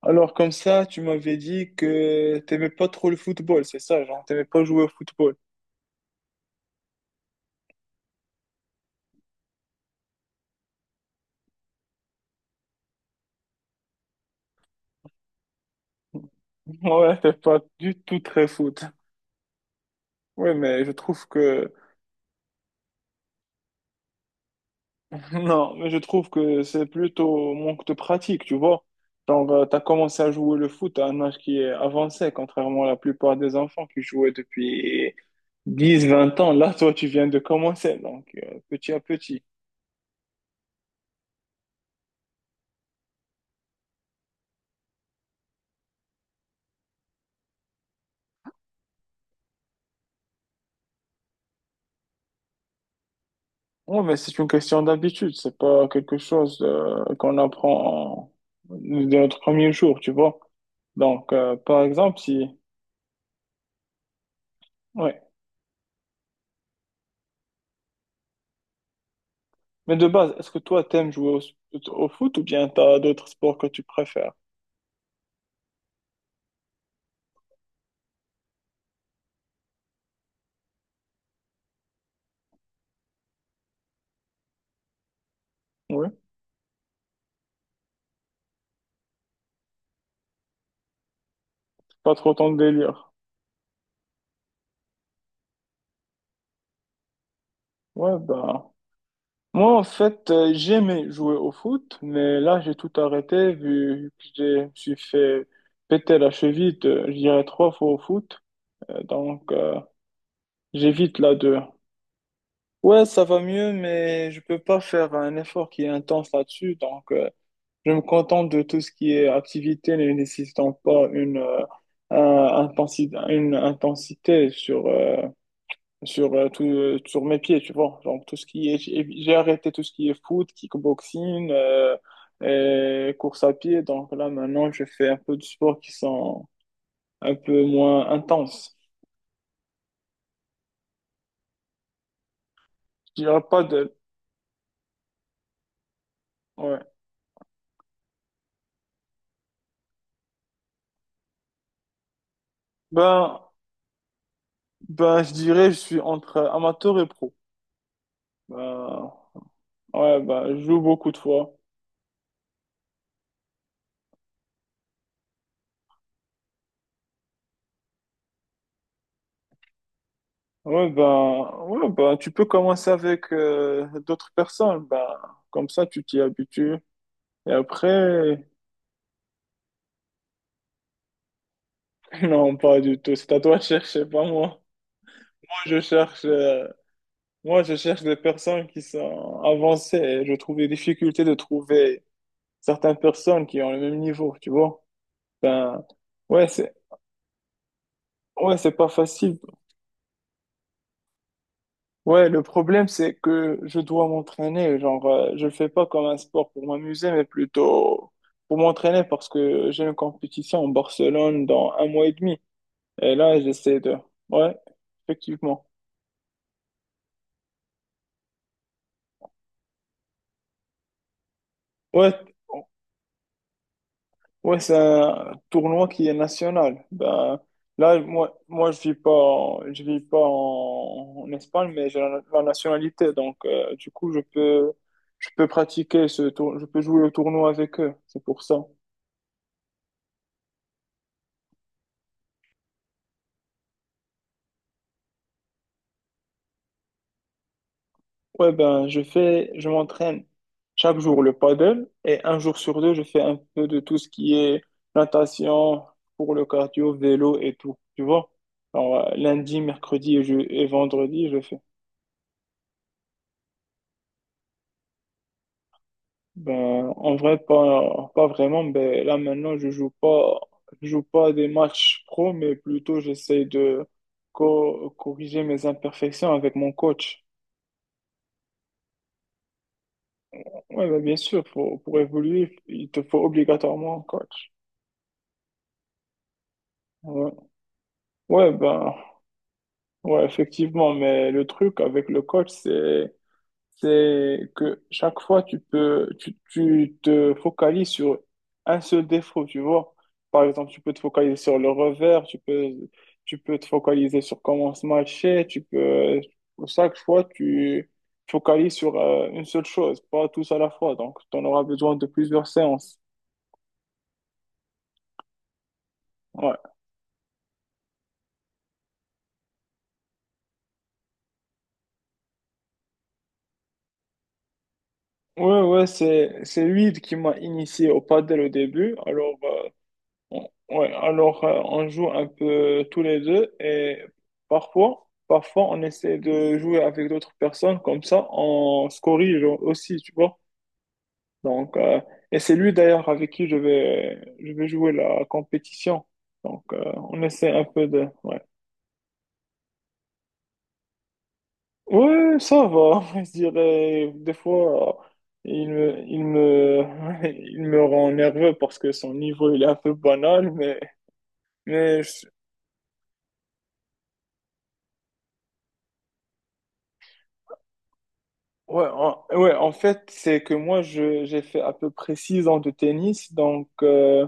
Alors comme ça, tu m'avais dit que t'aimais pas trop le football, c'est ça, genre t'aimais pas jouer au football. Ouais, t'es pas du tout très foot. Ouais, mais je trouve que non, mais je trouve que c'est plutôt manque de pratique, tu vois. Genre t'as commencé à jouer le foot à un âge qui est avancé, contrairement à la plupart des enfants qui jouaient depuis 10, 20 ans. Là, toi, tu viens de commencer, donc petit à petit. Oui, mais c'est une question d'habitude, c'est pas quelque chose qu'on apprend dès notre premier jour, tu vois. Donc, par exemple, si... Ouais. Mais de base, est-ce que toi, t'aimes jouer au foot ou bien t'as d'autres sports que tu préfères? Oui, pas trop ton délire. Ouais, ben... Moi, en fait, j'aimais jouer au foot, mais là, j'ai tout arrêté vu que je me suis fait péter la cheville, de, je dirais, trois fois au foot. Donc, j'évite là de... Ouais, ça va mieux, mais je peux pas faire un effort qui est intense là-dessus. Donc, je me contente de tout ce qui est activité ne nécessitant pas une intensité sur tout, sur mes pieds, tu vois. Donc, tout ce qui est, j'ai arrêté tout ce qui est foot, kickboxing, et course à pied. Donc, là, maintenant, je fais un peu de sports qui sont un peu moins intenses. Je dirais pas de, ouais. Ben, ben, je dirais, je suis entre amateur et pro. Bah, ouais, bah, je joue beaucoup de fois. Ouais, bah, tu peux commencer avec d'autres personnes. Bah, comme ça, tu t'y habitues. Et après, non, pas du tout. C'est à toi de chercher, pas moi. Moi, je cherche, euh, moi, je cherche des personnes qui sont avancées. Et je trouve des difficultés de trouver certaines personnes qui ont le même niveau, tu vois. Ouais, c'est, ouais, c'est pas facile. Ouais, le problème, c'est que je dois m'entraîner. Genre, je le fais pas comme un sport pour m'amuser, mais plutôt pour m'entraîner parce que j'ai une compétition en Barcelone dans un mois et demi. Et là, j'essaie de. Ouais, effectivement. Ouais, ouais, c'est un tournoi qui est national. Ben, là, moi, je vis pas, en- je vis pas en, en Espagne, mais j'ai la nationalité. Donc, du coup, je peux pratiquer ce tour, je peux jouer au tournoi avec eux. C'est pour ça. Ouais, ben, je m'entraîne chaque jour le paddle et un jour sur deux, je fais un peu de tout ce qui est natation pour le cardio, vélo et tout. Tu vois? Alors, lundi, mercredi et, et vendredi, je fais. Ben, en vrai, pas vraiment. Ben, là, maintenant, je joue pas des matchs pro, mais plutôt, j'essaie de corriger mes imperfections avec mon coach. Ouais, ben, bien sûr, pour évoluer, il te faut obligatoirement un coach. Ouais. Ouais, ben, ouais, effectivement, mais le truc avec le coach, c'est que chaque fois, tu te focalises sur un seul défaut, tu vois. Par exemple, tu peux te focaliser sur le revers, tu peux te focaliser sur comment se matcher, tu peux, chaque fois, tu focalises sur une seule chose, pas tous à la fois. Donc, tu en auras besoin de plusieurs séances. Ouais. Ouais, ouais, c'est lui qui m'a initié au padel au début. Alors, on joue un peu tous les deux et parfois on essaie de jouer avec d'autres personnes, comme ça on se corrige aussi, tu vois. Donc, et c'est lui d'ailleurs avec qui je vais jouer la compétition. Donc, on essaie un peu de. Ouais, ouais ça va, je dirais. Des fois, il me, il me, il me rend nerveux parce que son niveau il est un peu banal, mais. Mais je ouais, en fait, c'est que moi, j'ai fait à peu près 6 ans de tennis, donc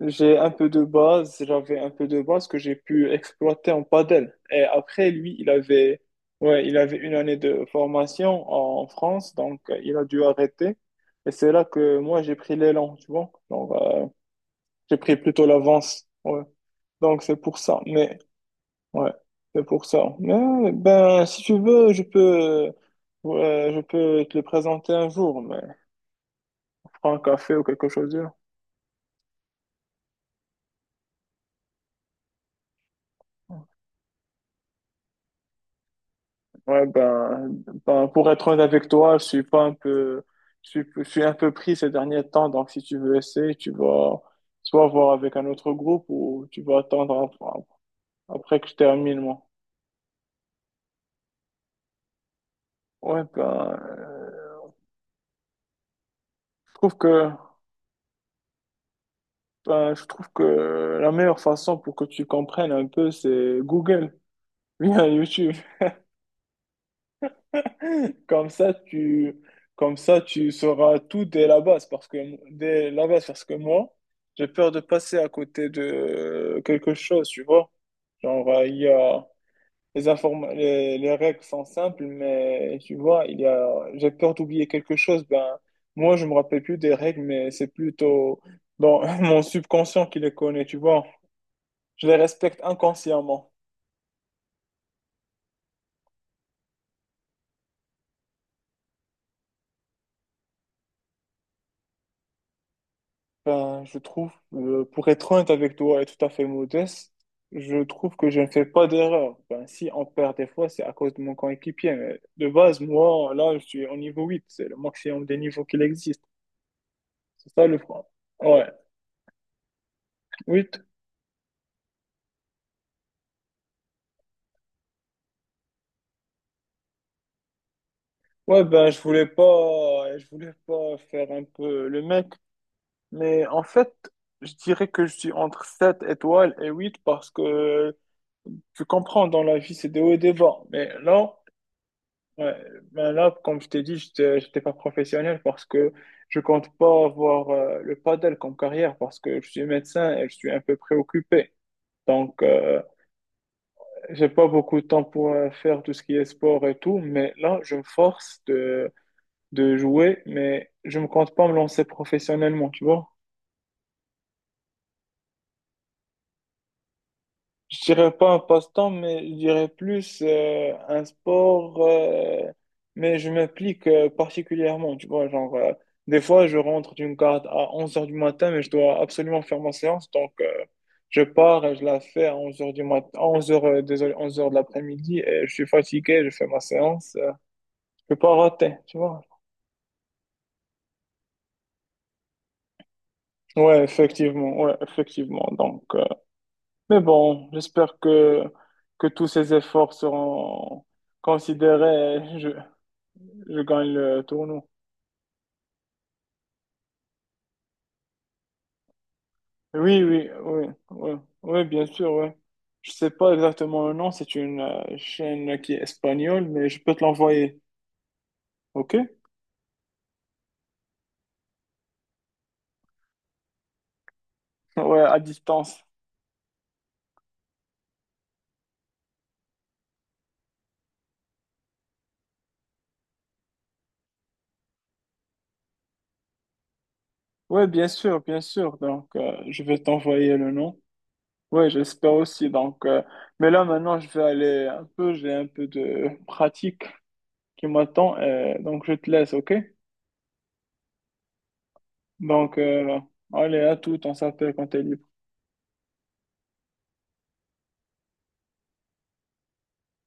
j'ai un peu de base, j'avais un peu de base que j'ai pu exploiter en padel. Et après, lui, il avait une année de formation en France, donc il a dû arrêter. Et c'est là que moi, j'ai pris l'élan, tu vois. Donc, j'ai pris plutôt l'avance, ouais. Donc, c'est pour ça. Mais ouais, c'est pour ça. Mais ben, si tu veux, je peux te le présenter un jour, mais prends un café ou quelque chose du genre. Ouais, ben, pour être honnête avec toi, je suis pas un peu, je suis un peu pris ces derniers temps. Donc, si tu veux essayer, tu vas soit voir avec un autre groupe ou tu vas attendre après que je termine, moi. Ouais, ben, je trouve que, je trouve que la meilleure façon pour que tu comprennes un peu, c'est Google, via YouTube. Comme ça, tu sauras tout dès la base, parce que moi, j'ai peur de passer à côté de quelque chose, tu vois. Genre, il y a les règles sont simples, mais tu vois, il y a, j'ai peur d'oublier quelque chose. Ben, moi, je me rappelle plus des règles, mais c'est plutôt dans mon subconscient qui les connaît, tu vois. Je les respecte inconsciemment. Ben, je trouve, pour être honnête avec toi et tout à fait modeste, je trouve que je ne fais pas d'erreur. Ben, si on perd des fois, c'est à cause de mon coéquipier. Mais de base, moi, là, je suis au niveau 8. C'est le maximum des niveaux qu'il existe. C'est ça le point. Ouais, 8. Ouais, ben, je voulais pas faire un peu le mec. Mais en fait, je dirais que je suis entre 7 étoiles et 8 parce que tu comprends, dans la vie, c'est des hauts et des bas. Mais là, ouais, ben là, comme je t'ai dit, je n'étais pas professionnel parce que je compte pas avoir le padel comme carrière parce que je suis médecin et je suis un peu préoccupé. Donc, j'ai pas beaucoup de temps pour faire tout ce qui est sport et tout, mais là, je me force de jouer, mais je ne compte pas me lancer professionnellement, tu vois. Je dirais pas un passe-temps, mais je dirais plus un sport. Mais je m'implique particulièrement, tu vois. Genre, des fois, je rentre d'une carte à 11h, mais je dois absolument faire ma séance. Donc, je pars et je la fais à 11h, 11h, désolé, 11h. Et je suis fatigué, je fais ma séance. Je peux pas rater, tu vois. Ouais, effectivement, ouais, effectivement. Donc, mais bon, j'espère que tous ces efforts seront considérés. Je gagne le tournoi. Oui, oui, oui, oui, oui, bien sûr, oui. Je sais pas exactement le nom, c'est une chaîne qui est espagnole, mais je peux te l'envoyer, ok? Ouais, à distance. Oui, bien sûr, bien sûr. Donc, je vais t'envoyer le nom. Oui, j'espère aussi. Donc, mais là, maintenant, je vais aller un peu, j'ai un peu de pratique qui m'attend, donc je te laisse, ok? Donc, allez, à tout, on s'appelle quand t'es libre.